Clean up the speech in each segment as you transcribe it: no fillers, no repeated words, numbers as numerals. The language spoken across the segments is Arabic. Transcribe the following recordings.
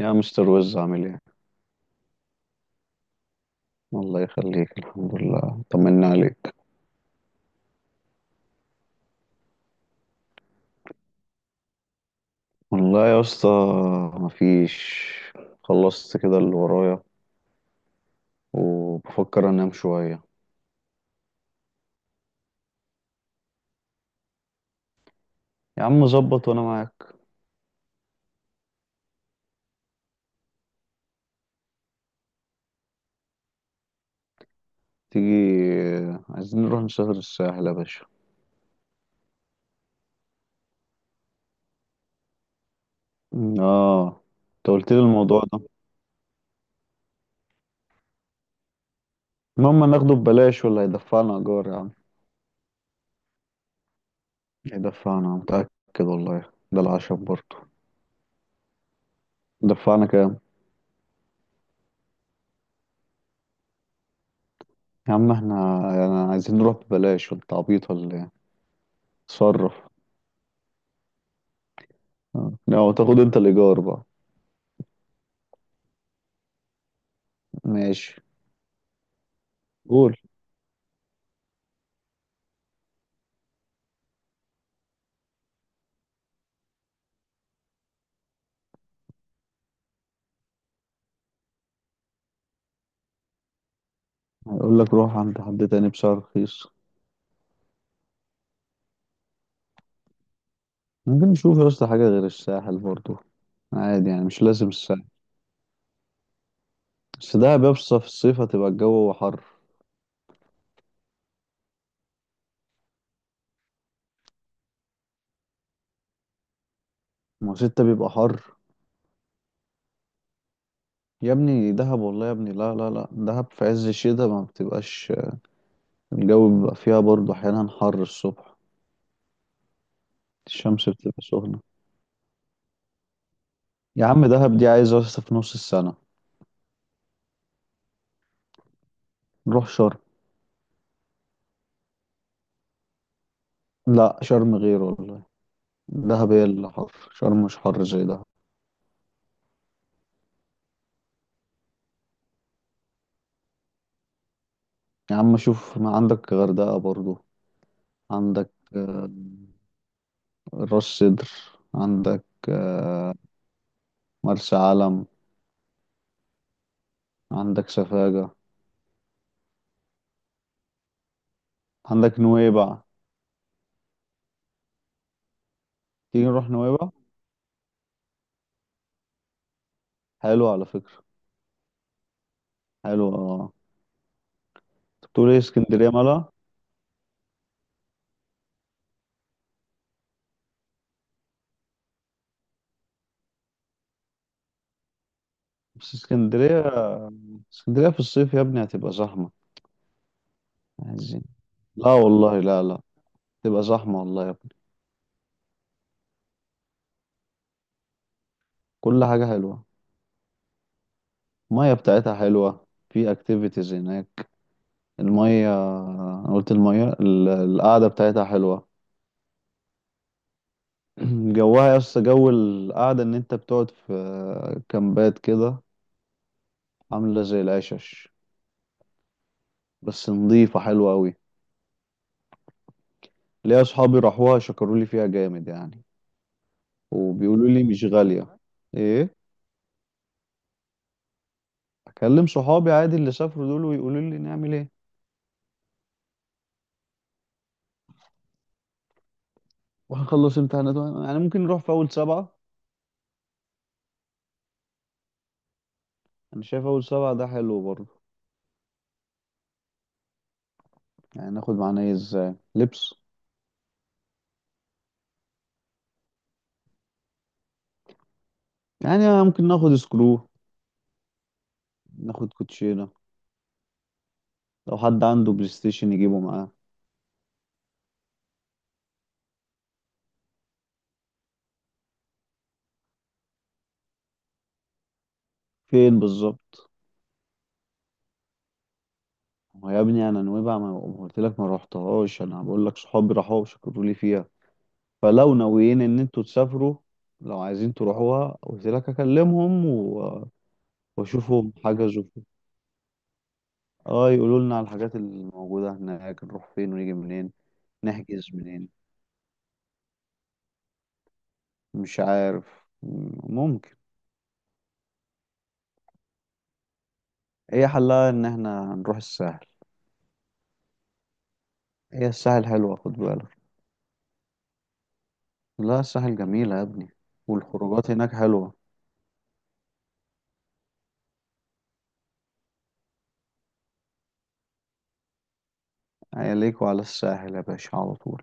يا مستر وز، عامل ايه؟ الله يخليك، الحمد لله، طمنا عليك. والله يا اسطى، مفيش، خلصت كده اللي ورايا وبفكر انام شوية. يا عم ظبط وانا معاك. تيجي، عايزين نروح نسافر الساحل يا باشا. اه، انت قلت لي الموضوع ده. المهم ناخده ببلاش ولا هيدفعنا ايجار يا عم؟ هيدفعنا، متأكد والله، ده العشم برضه. دفعنا كام؟ يا عم احنا يعني عايزين نروح ببلاش، وانت عبيط ولا ايه؟ صرف. اه، لو تاخد انت الايجار بقى. ماشي، قول. هيقول لك روح عند حد تاني بسعر رخيص. ممكن نشوف يا اسطى حاجه غير الساحل برضو. عادي، يعني مش لازم الساحل. بس دهب يا اسطى في الصيف هتبقى الجو حر. ما هو ستة بيبقى حر. يا ابني دهب، والله يا ابني لا لا لا، دهب في عز الشتاء ما بتبقاش. الجو بيبقى فيها برضو احيانا حر الصبح. الشمس بتبقى سخنه. يا عم دهب دي عايزه يا اسطى في نص السنه. نروح شرم. لا، شرم غير والله. دهب هي اللي حر، شرم مش حر زي ده. يا عم شوف، ما عندك غردقة برضو. عندك آه، راس سدر. عندك آه، مرسى علم. عندك سفاجة. عندك نويبع. تيجي نروح نويبع. حلو على فكرة. حلو اه. أنت بتقول ايه، اسكندرية مالها؟ بس اسكندرية في الصيف يا ابني هتبقى زحمة. عايزين، لا والله، لا لا. تبقى زحمة والله يا ابني. كل حاجة حلوة. المية بتاعتها حلوة، في اكتيفيتيز هناك. المية، انا قلت المية، القعدة بتاعتها حلوة. جوها يا اسطى، جو القعدة ان انت بتقعد في كامبات كده. عاملة زي العشش. بس نظيفة حلوة اوي. ليا اصحابي راحوها، شكروا لي فيها جامد يعني. وبيقولوا لي مش غالية. ايه؟ اكلم صحابي عادي اللي سافروا دول ويقولوا لي نعمل ايه. وهنخلص امتحانات، يعني ممكن نروح في اول سبعة. انا شايف اول سبعة ده حلو برضه. يعني ناخد معانا ايه؟ ازاي لبس؟ يعني ممكن ناخد سكرو، ناخد كوتشينة. لو حد عنده بلاي ستيشن يجيبه معاه. فين بالظبط؟ ما يا ابني انا نويبع، ما قلت لك ما روحتهاش، انا بقول لك صحابي راحوا وشكروا لي فيها. فلو ناويين ان انتوا تسافروا، لو عايزين تروحوها قلت لك اكلمهم و... واشوفهم حجزوا فين. اه يقولوا لنا على الحاجات الموجوده هناك، نروح فين ونيجي منين. نحجز منين؟ مش عارف. ممكن. هي حلها ان احنا نروح الساحل. هي الساحل حلوه خد بالك. لا الساحل جميله يا ابني. والخروجات هناك حلوه. عليك وعلى الساحل يا باشا على طول.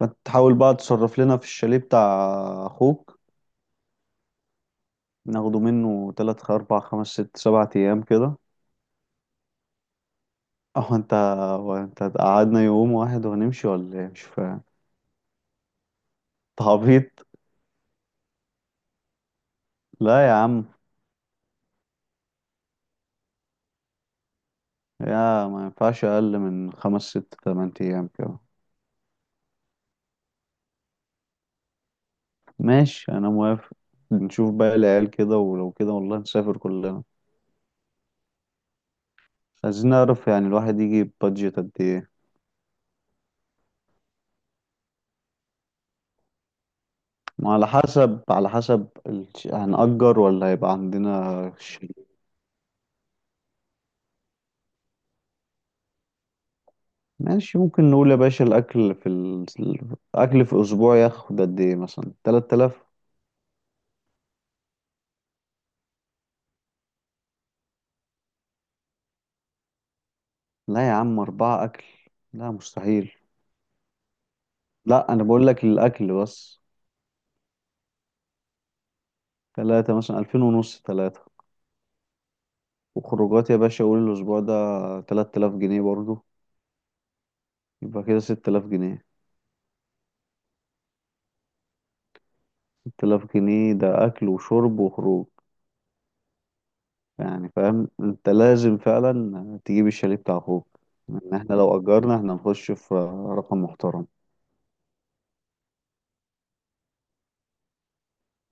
فتحاول بقى تصرف لنا في الشاليه بتاع اخوك. ناخده منه تلات اربع خمس ست سبع ايام كده. اهو انت. هو انت قعدنا يوم واحد وهنمشي ولا ايه، مش فاهم. انت عبيط. لا يا عم، يا ما ينفعش اقل من خمس ست تمن ايام كده. ماشي انا موافق. نشوف بقى العيال كده، ولو كده والله نسافر كلنا. عايزين نعرف يعني الواحد يجيب بادجت قد ايه. ما على حسب، على حسب هنأجر ولا هيبقى عندنا. ماشي، ممكن نقول يا باشا الأكل في ال... الأكل في أسبوع ياخد قد إيه، مثلا 3000؟ لا يا عم، أربعة أكل لا مستحيل. لا أنا بقول لك الأكل بس. تلاتة، مثلا 2500، تلاتة. وخروجات يا باشا قول الأسبوع ده 3000 جنيه برضه. يبقى كده 6000 جنيه. ست آلاف جنيه ده أكل وشرب وخروج. يعني فاهم، أنت لازم فعلا تجيب الشاليه بتاع أخوك. إن إحنا لو أجرنا إحنا نخش في رقم محترم.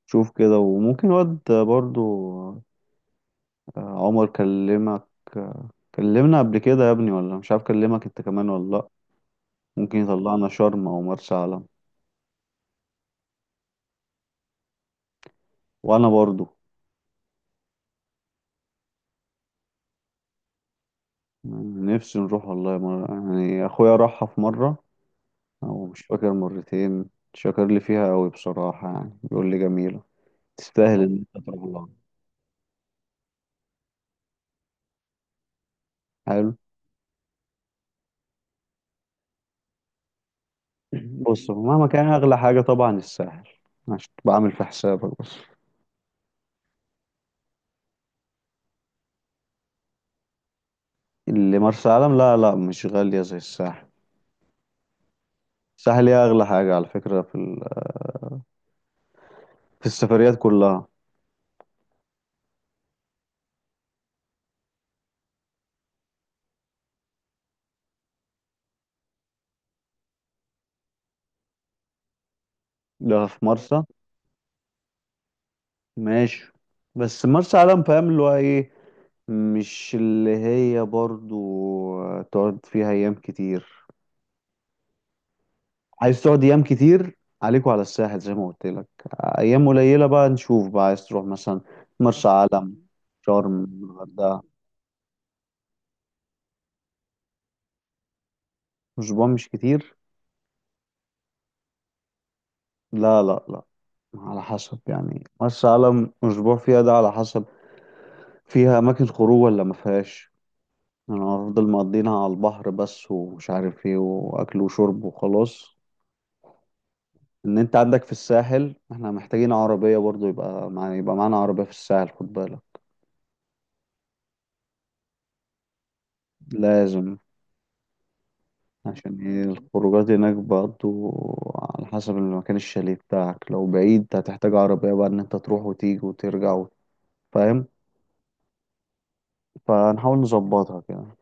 شوف كده. وممكن واد برضه، عمر كلمك، آه، كلمنا قبل كده يا ابني ولا مش عارف كلمك انت كمان ولا لا. ممكن يطلعنا شرم او مرسى علم. وانا برضو نفسي نروح والله مرة، يعني اخويا راحها في مرة او مش فاكر مرتين، شكر لي فيها قوي بصراحة، يعني بيقول لي جميلة. تستاهل ان انت تروح لها. حلو. بص هو مهما كان اغلى حاجة طبعا الساحل، عشان بعمل في حسابك بس. اللي مرسى علم لا لا، مش غالية زي الساحل. الساحل هي اغلى حاجة على فكرة في السفريات كلها. ده في مرسى. ماشي، بس مرسى علم فاهم اللي هو ايه، مش اللي هي برضو تقعد فيها ايام كتير. عايز تقعد ايام كتير عليكوا على الساحل زي ما قلت لك. ايام قليلة بقى نشوف بقى، عايز تروح مثلا مرسى علم، شرم، الغردقة، اسبوع مش كتير. لا لا لا، على حسب، يعني مرسى علم اسبوع فيها ده على حسب، فيها اماكن خروج ولا ما فيهاش. انا هفضل مقضينها على البحر بس ومش عارف ايه، واكل وشرب وخلاص. ان انت عندك في الساحل احنا محتاجين عربية برضو، يبقى معانا عربية في الساحل خد بالك. لازم، عشان ايه الخروجات هناك برضو. على حسب المكان، الشاليه بتاعك لو بعيد هتحتاج عربية بقى ان انت تروح وتيجي وترجع و... فاهم؟ فهنحاول نظبطها كده.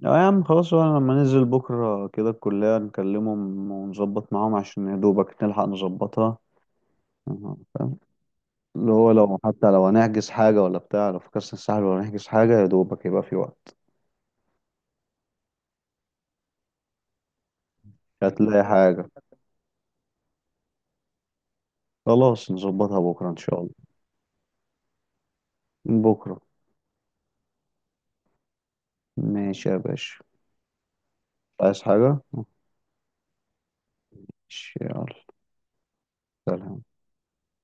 لا يا عم خلاص بقى، لما ننزل بكرة كده الكلية نكلمهم ونظبط معاهم، عشان يا دوبك نلحق نظبطها. أها. اللي هو لو، حتى لو هنحجز حاجة ولا بتاع، لو في كاس الساحل ولا هنحجز حاجة، يا دوبك يبقى في وقت. هتلاقي حاجة. خلاص نظبطها بكرة إن شاء الله. بكرة. ماشي يا باشا. عايز حاجة؟ ماشي يلا. سلام.